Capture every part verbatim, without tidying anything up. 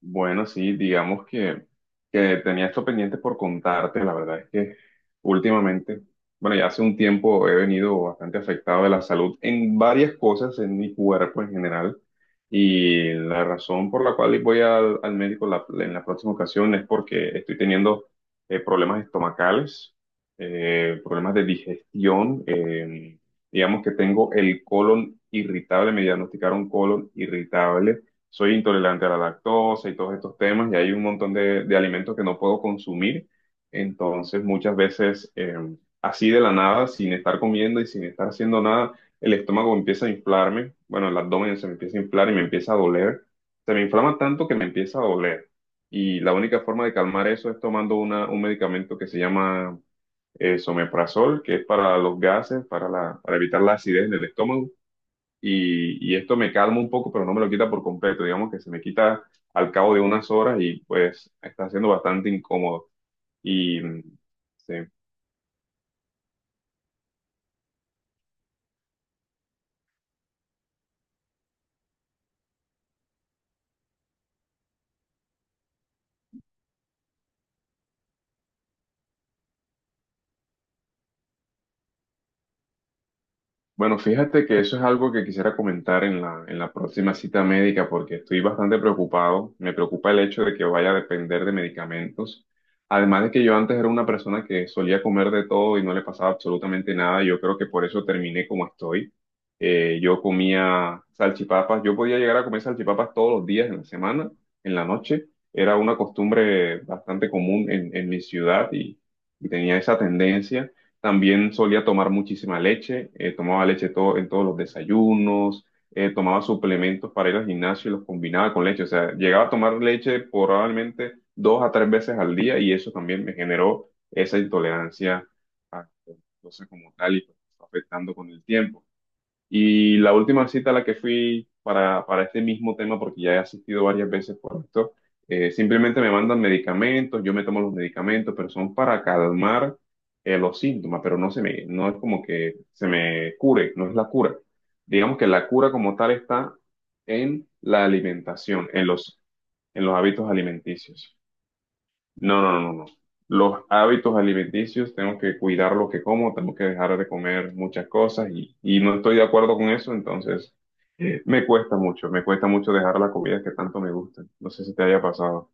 Bueno, sí, digamos que, que tenía esto pendiente por contarte. La verdad es que últimamente, bueno, ya hace un tiempo he venido bastante afectado de la salud en varias cosas, en mi cuerpo en general. Y la razón por la cual voy al, al médico la- en la próxima ocasión es porque estoy teniendo eh, problemas estomacales, eh, problemas de digestión. Eh, digamos que tengo el colon irritable, me diagnosticaron colon irritable, soy intolerante a la lactosa y todos estos temas, y hay un montón de, de alimentos que no puedo consumir. Entonces, muchas veces, eh, así de la nada, sin estar comiendo y sin estar haciendo nada, el estómago empieza a inflarme, bueno, el abdomen se me empieza a inflar y me empieza a doler. Se me inflama tanto que me empieza a doler. Y la única forma de calmar eso es tomando una, un medicamento que se llama eh, someprazol, que es para los gases, para, la, para evitar la acidez en el estómago y, y esto me calma un poco, pero no me lo quita por completo. Digamos que se me quita al cabo de unas horas y pues está siendo bastante incómodo. Y mm, sí. Bueno, fíjate que eso es algo que quisiera comentar en la, en la próxima cita médica porque estoy bastante preocupado. Me preocupa el hecho de que vaya a depender de medicamentos. Además de que yo antes era una persona que solía comer de todo y no le pasaba absolutamente nada. Yo creo que por eso terminé como estoy. Eh, yo comía salchipapas. Yo podía llegar a comer salchipapas todos los días en la semana, en la noche. Era una costumbre bastante común en, en mi ciudad y y tenía esa tendencia. También solía tomar muchísima leche, eh, tomaba leche todo, en todos los desayunos, eh, tomaba suplementos para ir al gimnasio y los combinaba con leche. O sea, llegaba a tomar leche probablemente dos a tres veces al día y eso también me generó esa intolerancia a la lactosa como tal y pues, fue afectando con el tiempo. Y la última cita a la que fui para, para este mismo tema, porque ya he asistido varias veces por esto, eh, simplemente me mandan medicamentos, yo me tomo los medicamentos, pero son para calmar eh, los síntomas, pero no se me, no es como que se me cure, no es la cura. Digamos que la cura como tal está en la alimentación, en los, en los hábitos alimenticios. No, no, no, no. Los hábitos alimenticios, tengo que cuidar lo que como, tengo que dejar de comer muchas cosas y, y no estoy de acuerdo con eso, entonces eh, me cuesta mucho, me cuesta mucho dejar la comida que tanto me gusta. No sé si te haya pasado.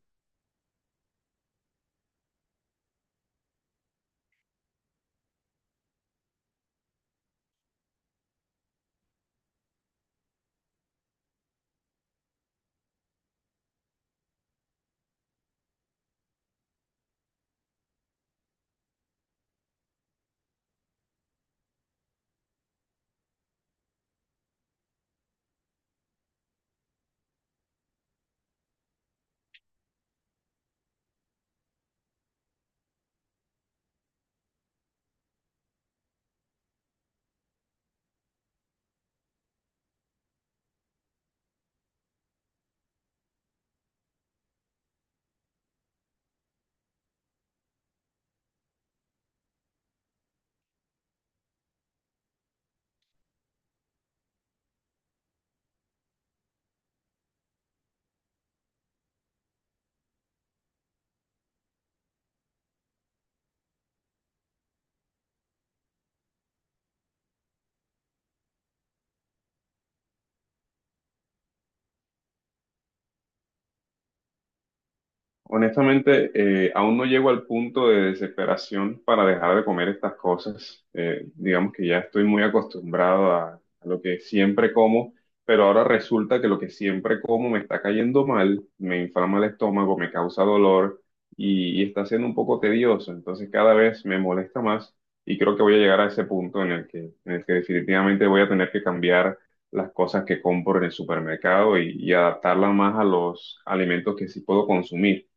Honestamente, eh, aún no llego al punto de desesperación para dejar de comer estas cosas. Eh, digamos que ya estoy muy acostumbrado a, a lo que siempre como, pero ahora resulta que lo que siempre como me está cayendo mal, me inflama el estómago, me causa dolor y, y está siendo un poco tedioso. Entonces cada vez me molesta más y creo que voy a llegar a ese punto en el que, en el que definitivamente voy a tener que cambiar las cosas que compro en el supermercado y, y adaptarlas más a los alimentos que sí puedo consumir.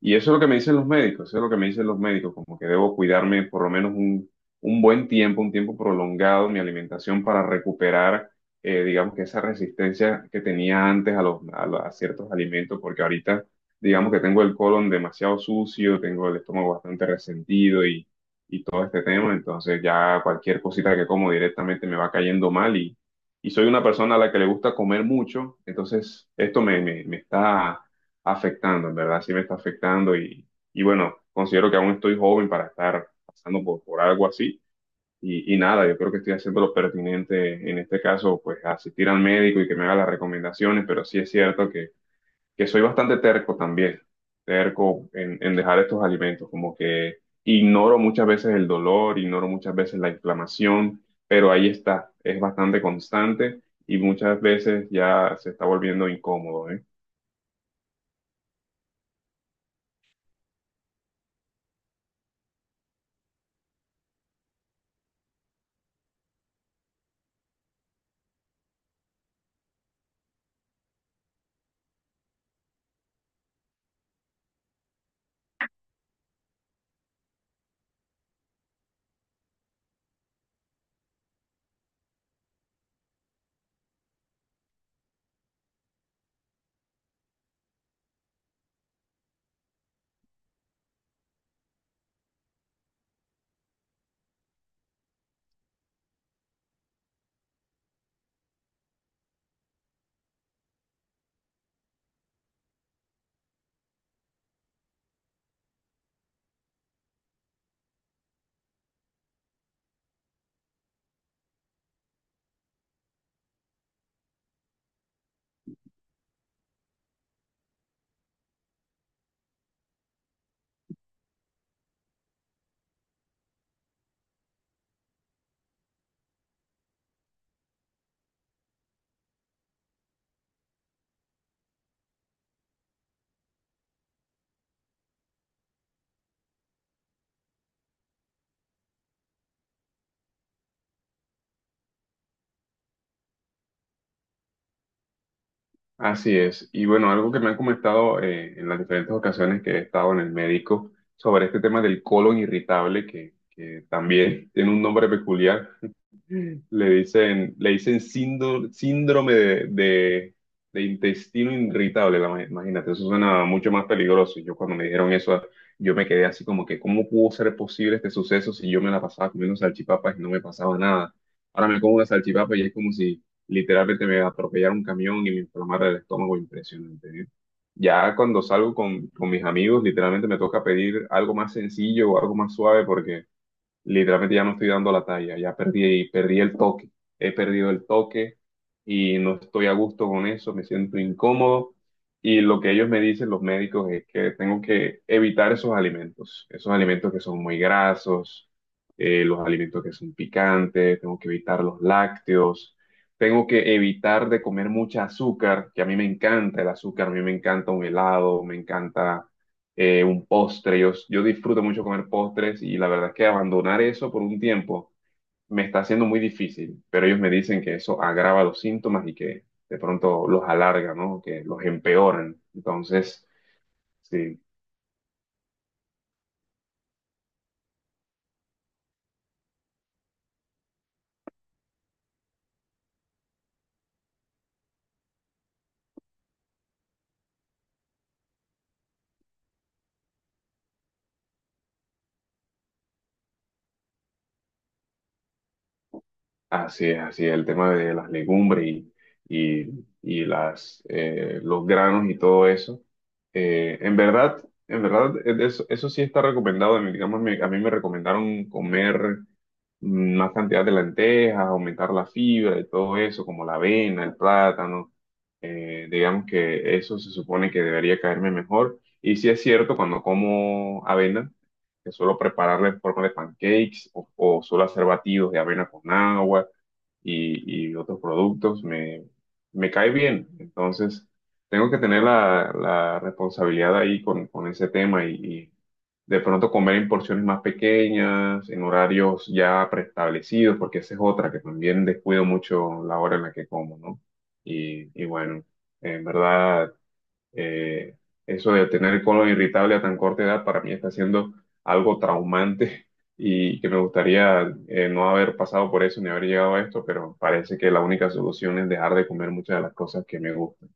Y eso es lo que me dicen los médicos, eso es lo que me dicen los médicos, como que debo cuidarme por lo menos un, un buen tiempo, un tiempo prolongado, mi alimentación para recuperar, eh, digamos que esa resistencia que tenía antes a los, a los- a ciertos alimentos, porque ahorita, digamos que tengo el colon demasiado sucio, tengo el estómago bastante resentido y, y todo este tema, entonces ya cualquier cosita que como directamente me va cayendo mal y, y soy una persona a la que le gusta comer mucho, entonces esto me, me me está afectando, en verdad sí me está afectando y, y bueno, considero que aún estoy joven para estar pasando por, por algo así y, y nada, yo creo que estoy haciendo lo pertinente en este caso, pues asistir al médico y que me haga las recomendaciones, pero sí es cierto que, que soy bastante terco también, terco en, en dejar estos alimentos, como que ignoro muchas veces el dolor, ignoro muchas veces la inflamación, pero ahí está, es bastante constante. Y muchas veces ya se está volviendo incómodo, ¿eh? Así es. Y bueno, algo que me han comentado eh, en las diferentes ocasiones que he estado en el médico sobre este tema del colon irritable, que, que también tiene un nombre peculiar. Le dicen, le dicen síndo- síndrome de, de- de intestino irritable, la- imagínate, eso suena mucho más peligroso. Yo cuando me dijeron eso, yo me quedé así como que, ¿cómo pudo ser posible este suceso si yo me la pasaba comiendo salchipapas y no me pasaba nada? Ahora me como una salchipapa y es como si literalmente me atropellara un camión y me inflamara el estómago, impresionante, ¿eh? Ya cuando salgo con, con mis amigos, literalmente me toca pedir algo más sencillo o algo más suave porque literalmente ya no estoy dando la talla, ya perdí, perdí el toque, he perdido el toque y no estoy a gusto con eso, me siento incómodo y lo que ellos me dicen, los médicos, es que tengo que evitar esos alimentos, esos alimentos que son muy grasos, eh, los alimentos que son picantes, tengo que evitar los lácteos. Tengo que evitar de comer mucha azúcar, que a mí me encanta el azúcar, a mí me encanta un helado, me encanta eh, un postre. Yo, yo disfruto mucho comer postres y la verdad es que abandonar eso por un tiempo me está haciendo muy difícil, pero ellos me dicen que eso agrava los síntomas y que de pronto los alarga, ¿no? Que los empeoran. Entonces, sí. Así es, así es, el tema de las legumbres y, y, y las, eh, los granos y todo eso. Eh, en verdad, en verdad, eh, eso, eso sí está recomendado. Digamos, me- a mí me recomendaron comer mm, más cantidad de lentejas, aumentar la fibra y todo eso, como la avena, el plátano. Eh, digamos que eso se supone que debería caerme mejor. Y sí es cierto, cuando como avena, que suelo prepararla en forma de pancakes o, o suelo hacer batidos de avena con agua y, y otros productos, me, me cae bien. Entonces, tengo que tener la, la responsabilidad ahí con, con ese tema y, y de pronto comer en porciones más pequeñas, en horarios ya preestablecidos, porque esa es otra que también descuido mucho la hora en la que como, ¿no? Y, y bueno, en verdad eh, eso de tener el colon irritable a tan corta edad para mí está siendo algo traumante y que me gustaría eh, no haber pasado por eso ni haber llegado a esto, pero parece que la única solución es dejar de comer muchas de las cosas que me gustan.